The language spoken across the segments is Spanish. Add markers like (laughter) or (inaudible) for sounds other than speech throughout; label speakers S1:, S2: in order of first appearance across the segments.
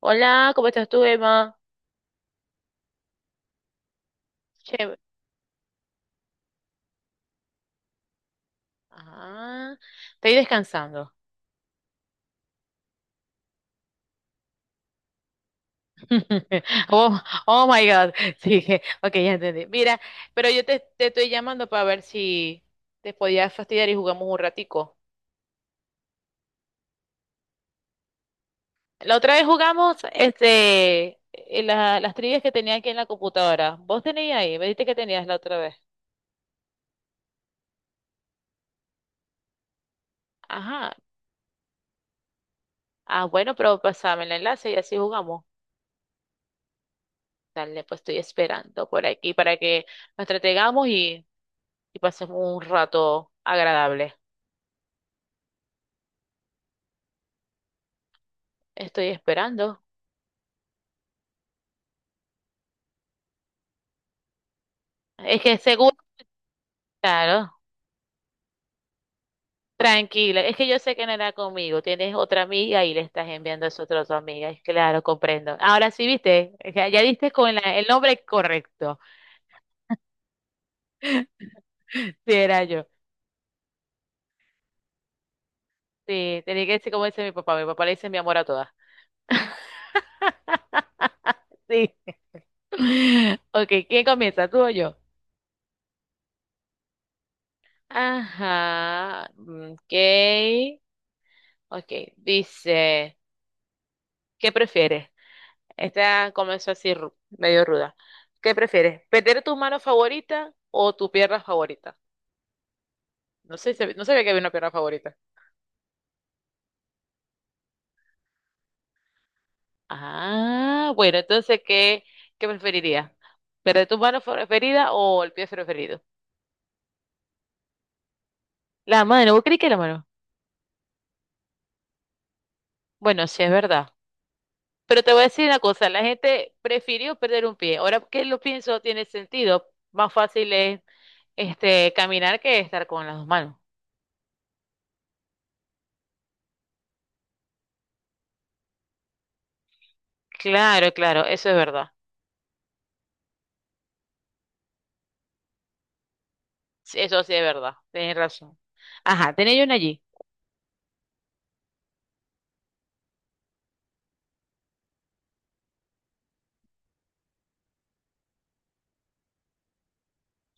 S1: Hola, ¿cómo estás tú, Emma? Chévere. Ah, Estoy descansando. (laughs) Oh, oh my God. (laughs) Sí, ok, ya entendí. Mira, pero yo te estoy llamando para ver si te podías fastidiar y jugamos un ratico. La otra vez jugamos las trivias que tenía aquí en la computadora. ¿Vos tenías ahí? Me dijiste que tenías la otra vez. Ajá. Ah, bueno, pero pasame el enlace y así jugamos. Dale, pues estoy esperando por aquí para que nos entretengamos y pasemos un rato agradable. Estoy esperando. Es que seguro, claro, tranquila. Es que yo sé que no era conmigo. Tienes otra amiga y le estás enviando a esa otra tu amiga. Es Claro, comprendo. Ahora sí, viste, ya diste con el nombre correcto. (laughs) Sí, era yo. Sí, tenía que decir como dice mi papá. Mi papá le dice mi amor a todas. (laughs) Sí. Ok, ¿quién comienza? ¿Tú o yo? Ajá. Ok. Ok. Dice, ¿qué prefieres? Esta comenzó así, medio ruda. ¿Qué prefieres? ¿Perder tu mano favorita o tu pierna favorita? No sé, no sabía que había una pierna favorita. Ah, bueno, entonces, ¿qué preferirías? ¿Perder tu mano preferida o el pie preferido? La mano, ¿vos crees que la mano? Bueno, sí, es verdad. Pero te voy a decir una cosa, la gente prefirió perder un pie. Ahora que lo pienso, tiene sentido. Más fácil es caminar que estar con las dos manos. Claro, claro, eso es verdad. Sí, eso sí es verdad, tenés razón. Ajá, tenés yo una allí.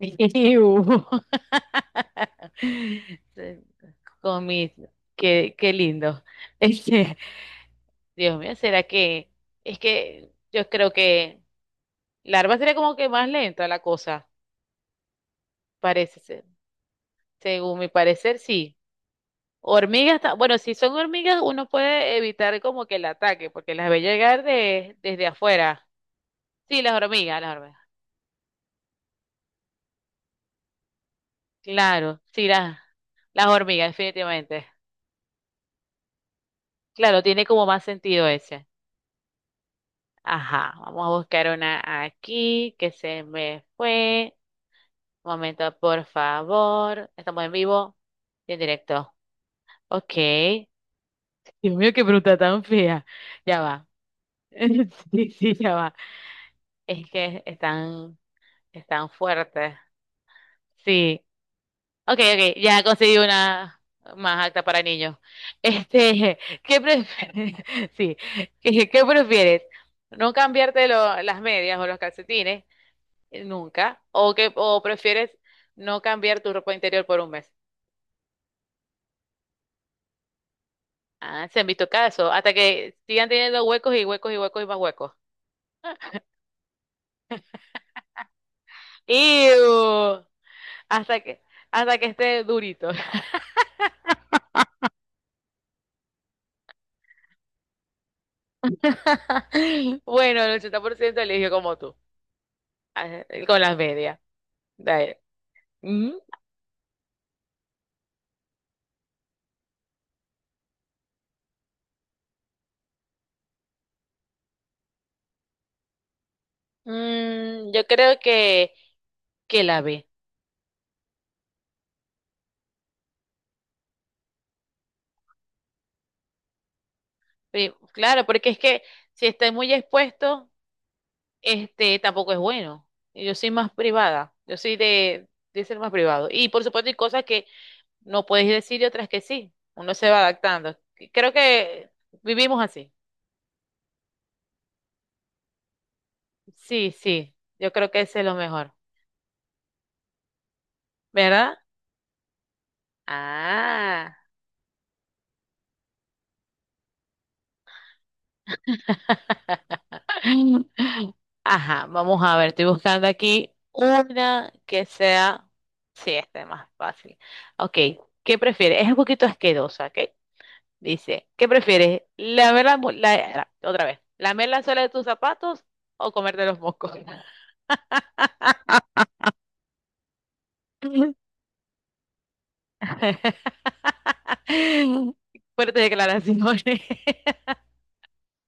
S1: (laughs) Iu. Con mis, qué, qué lindo. (laughs) Este, Dios mío, ¿será que? Es que yo creo que la larva sería como que más lenta la cosa, parece ser. Según mi parecer, sí. Hormigas, bueno, si son hormigas, uno puede evitar como que el ataque, porque las ve llegar desde afuera. Sí, las hormigas, las hormigas. Claro, sí, las hormigas, definitivamente. Claro, tiene como más sentido ese. Ajá, vamos a buscar una aquí que se me fue. Un momento, por favor. Estamos en vivo y en directo. Ok. Dios mío, qué bruta tan fea. Ya va. (laughs) Sí, sí, ya va. Es que están, están fuertes. Sí. Ok, ok, ya conseguí una más alta para niños. Este, ¿qué prefieres? (laughs) Sí, ¿qué, qué prefieres? ¿No cambiarte las medias o los calcetines nunca? ¿O que, o prefieres no cambiar tu ropa interior por un mes? Ah, se han visto casos, hasta que sigan teniendo huecos y huecos y huecos y más huecos. ¡Ew! Hasta que, hasta que esté durito. (laughs) Bueno, el 80% eligió como tú, ah, con las medias. Dale. Yo creo que la ve. Claro, porque es que si estoy muy expuesto, este tampoco es bueno. Yo soy más privada, yo soy de ser más privado. Y por supuesto hay cosas que no puedes decir y otras que sí. Uno se va adaptando. Creo que vivimos así. Sí, sí, yo creo que ese es lo mejor, ¿verdad? Ah. (laughs) Ajá, vamos a ver, estoy buscando aquí una que sea, sí, este más fácil. Ok, ¿qué prefieres? Es un poquito asquerosa, ¿ok? Dice, ¿qué prefieres? ¿Lamer la, mu- la- la- otra vez, lamer la suela de tus zapatos o comerte los mocos? (laughs) Fuerte declaraciones.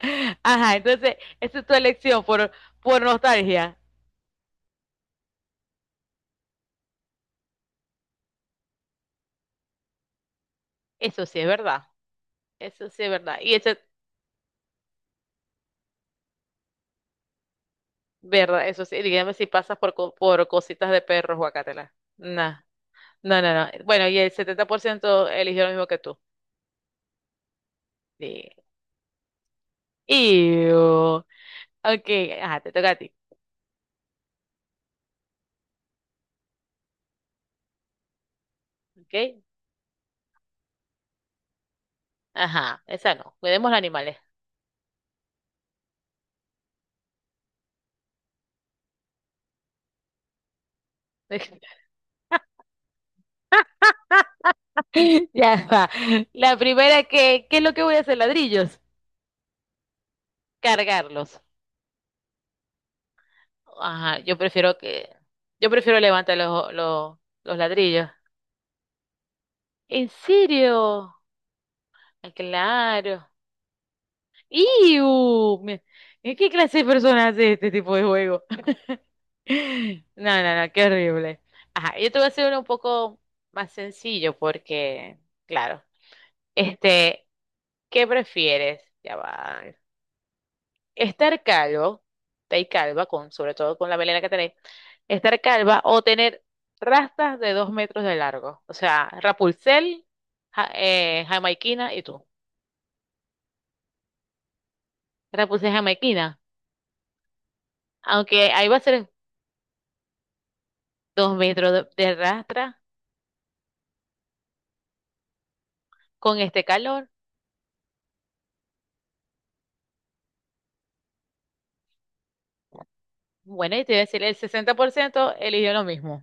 S1: (laughs) Ajá, entonces, esa es tu elección por nostalgia. Eso sí es verdad, eso sí es verdad. Y eso ¿verdad? Eso sí, dígame si pasas por, por cositas de perros, guacatela. Nah. No, no, no. Bueno, y el 70% eligió lo mismo que tú. Sí. Iu. Ok, ajá, te toca a ti. Ok, ajá, esa no. Cuidemos los animales. (laughs) Ya va. La primera que, ¿qué es lo que voy a hacer? ¿Ladrillos? Cargarlos. Ajá, yo prefiero levantar los ladrillos. ¿En serio? Ah, claro. ¡Iu! ¿Qué clase de personas hace este tipo de juego? (laughs) No, no, no, qué horrible. Ajá, yo te voy a hacer uno un poco más sencillo porque, claro, este, ¿qué prefieres? Ya va. Estar calvo, Estar calva, con, sobre todo con la melena que tenés, estar calva o tener rastas de 2 metros de largo. O sea, Rapunzel, jamaiquina y tú. Rapunzel jamaiquina, aunque ahí va a ser 2 metros de rastra con este calor. Bueno, y te voy a decir, el 60% eligió lo mismo.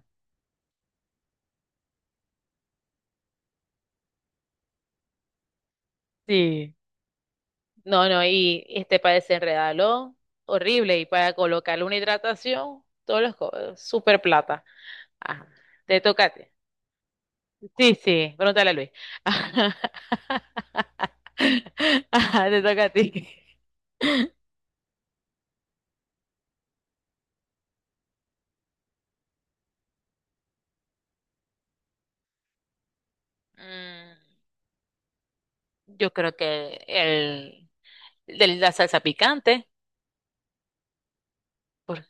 S1: Sí. No, no, y este para desenredarlo, horrible. Y para colocarle una hidratación, todos los super plata. Ajá. Te toca a ti. Sí, sí, pregúntale a Luis. (laughs) Ajá, te toca a ti. Mm, yo creo que el, de la salsa picante. ¿Por qué?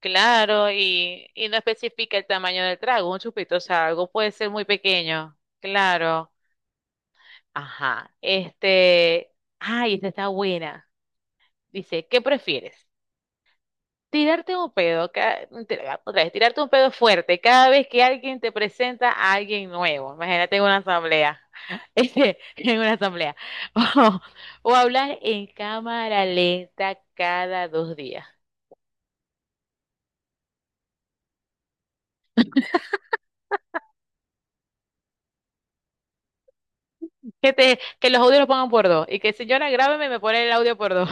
S1: Claro, y no especifica el tamaño del trago, un chupito, o sea, algo puede ser muy pequeño. Claro. Ajá. Este, ay, esta está buena. Dice, ¿qué prefieres? Tirarte un pedo, otra vez, tirarte un pedo fuerte cada vez que alguien te presenta a alguien nuevo. Imagínate en una asamblea. (laughs) Este, en una asamblea. (laughs) O, o hablar en cámara lenta cada dos días. Que te, que los audios los pongan por dos. Y que señora, grábeme me pone el audio por dos.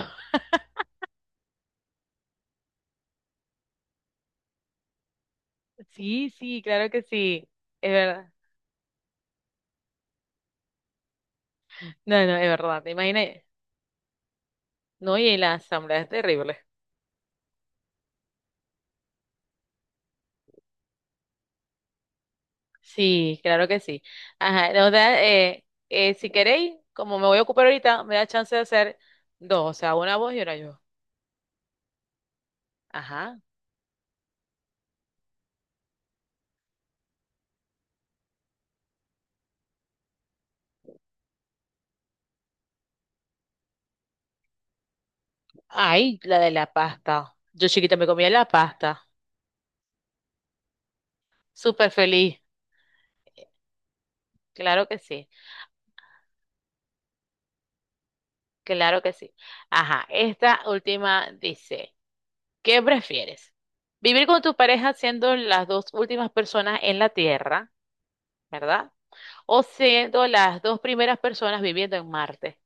S1: Sí, sí, claro que sí. Es verdad. No, no, es verdad. ¿Te imaginas? No, y la asamblea es terrible. Sí, claro que sí. Ajá. O sea, si queréis, como me voy a ocupar ahorita, me da chance de hacer dos, o sea, una vos y una yo. Ajá. Ay, la de la pasta. Yo chiquita me comía la pasta. Súper feliz. Claro que sí. Claro que sí. Ajá. Esta última dice, ¿qué prefieres? ¿Vivir con tu pareja siendo las dos últimas personas en la Tierra? ¿Verdad? O siendo las dos primeras personas viviendo en Marte.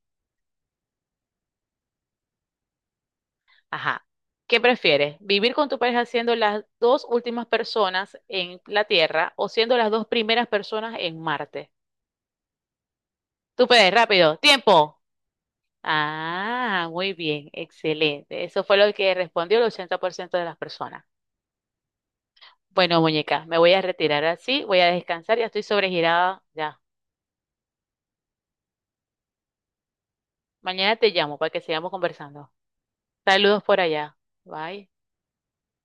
S1: Ajá. ¿Qué prefieres? ¿Vivir con tu pareja siendo las dos últimas personas en la Tierra o siendo las dos primeras personas en Marte? Tú puedes, rápido. ¡Tiempo! Ah, muy bien, excelente. Eso fue lo que respondió el 80% de las personas. Bueno, muñeca, me voy a retirar así, voy a descansar, ya estoy sobregirada ya. Mañana te llamo para que sigamos conversando. Saludos por allá. Bye.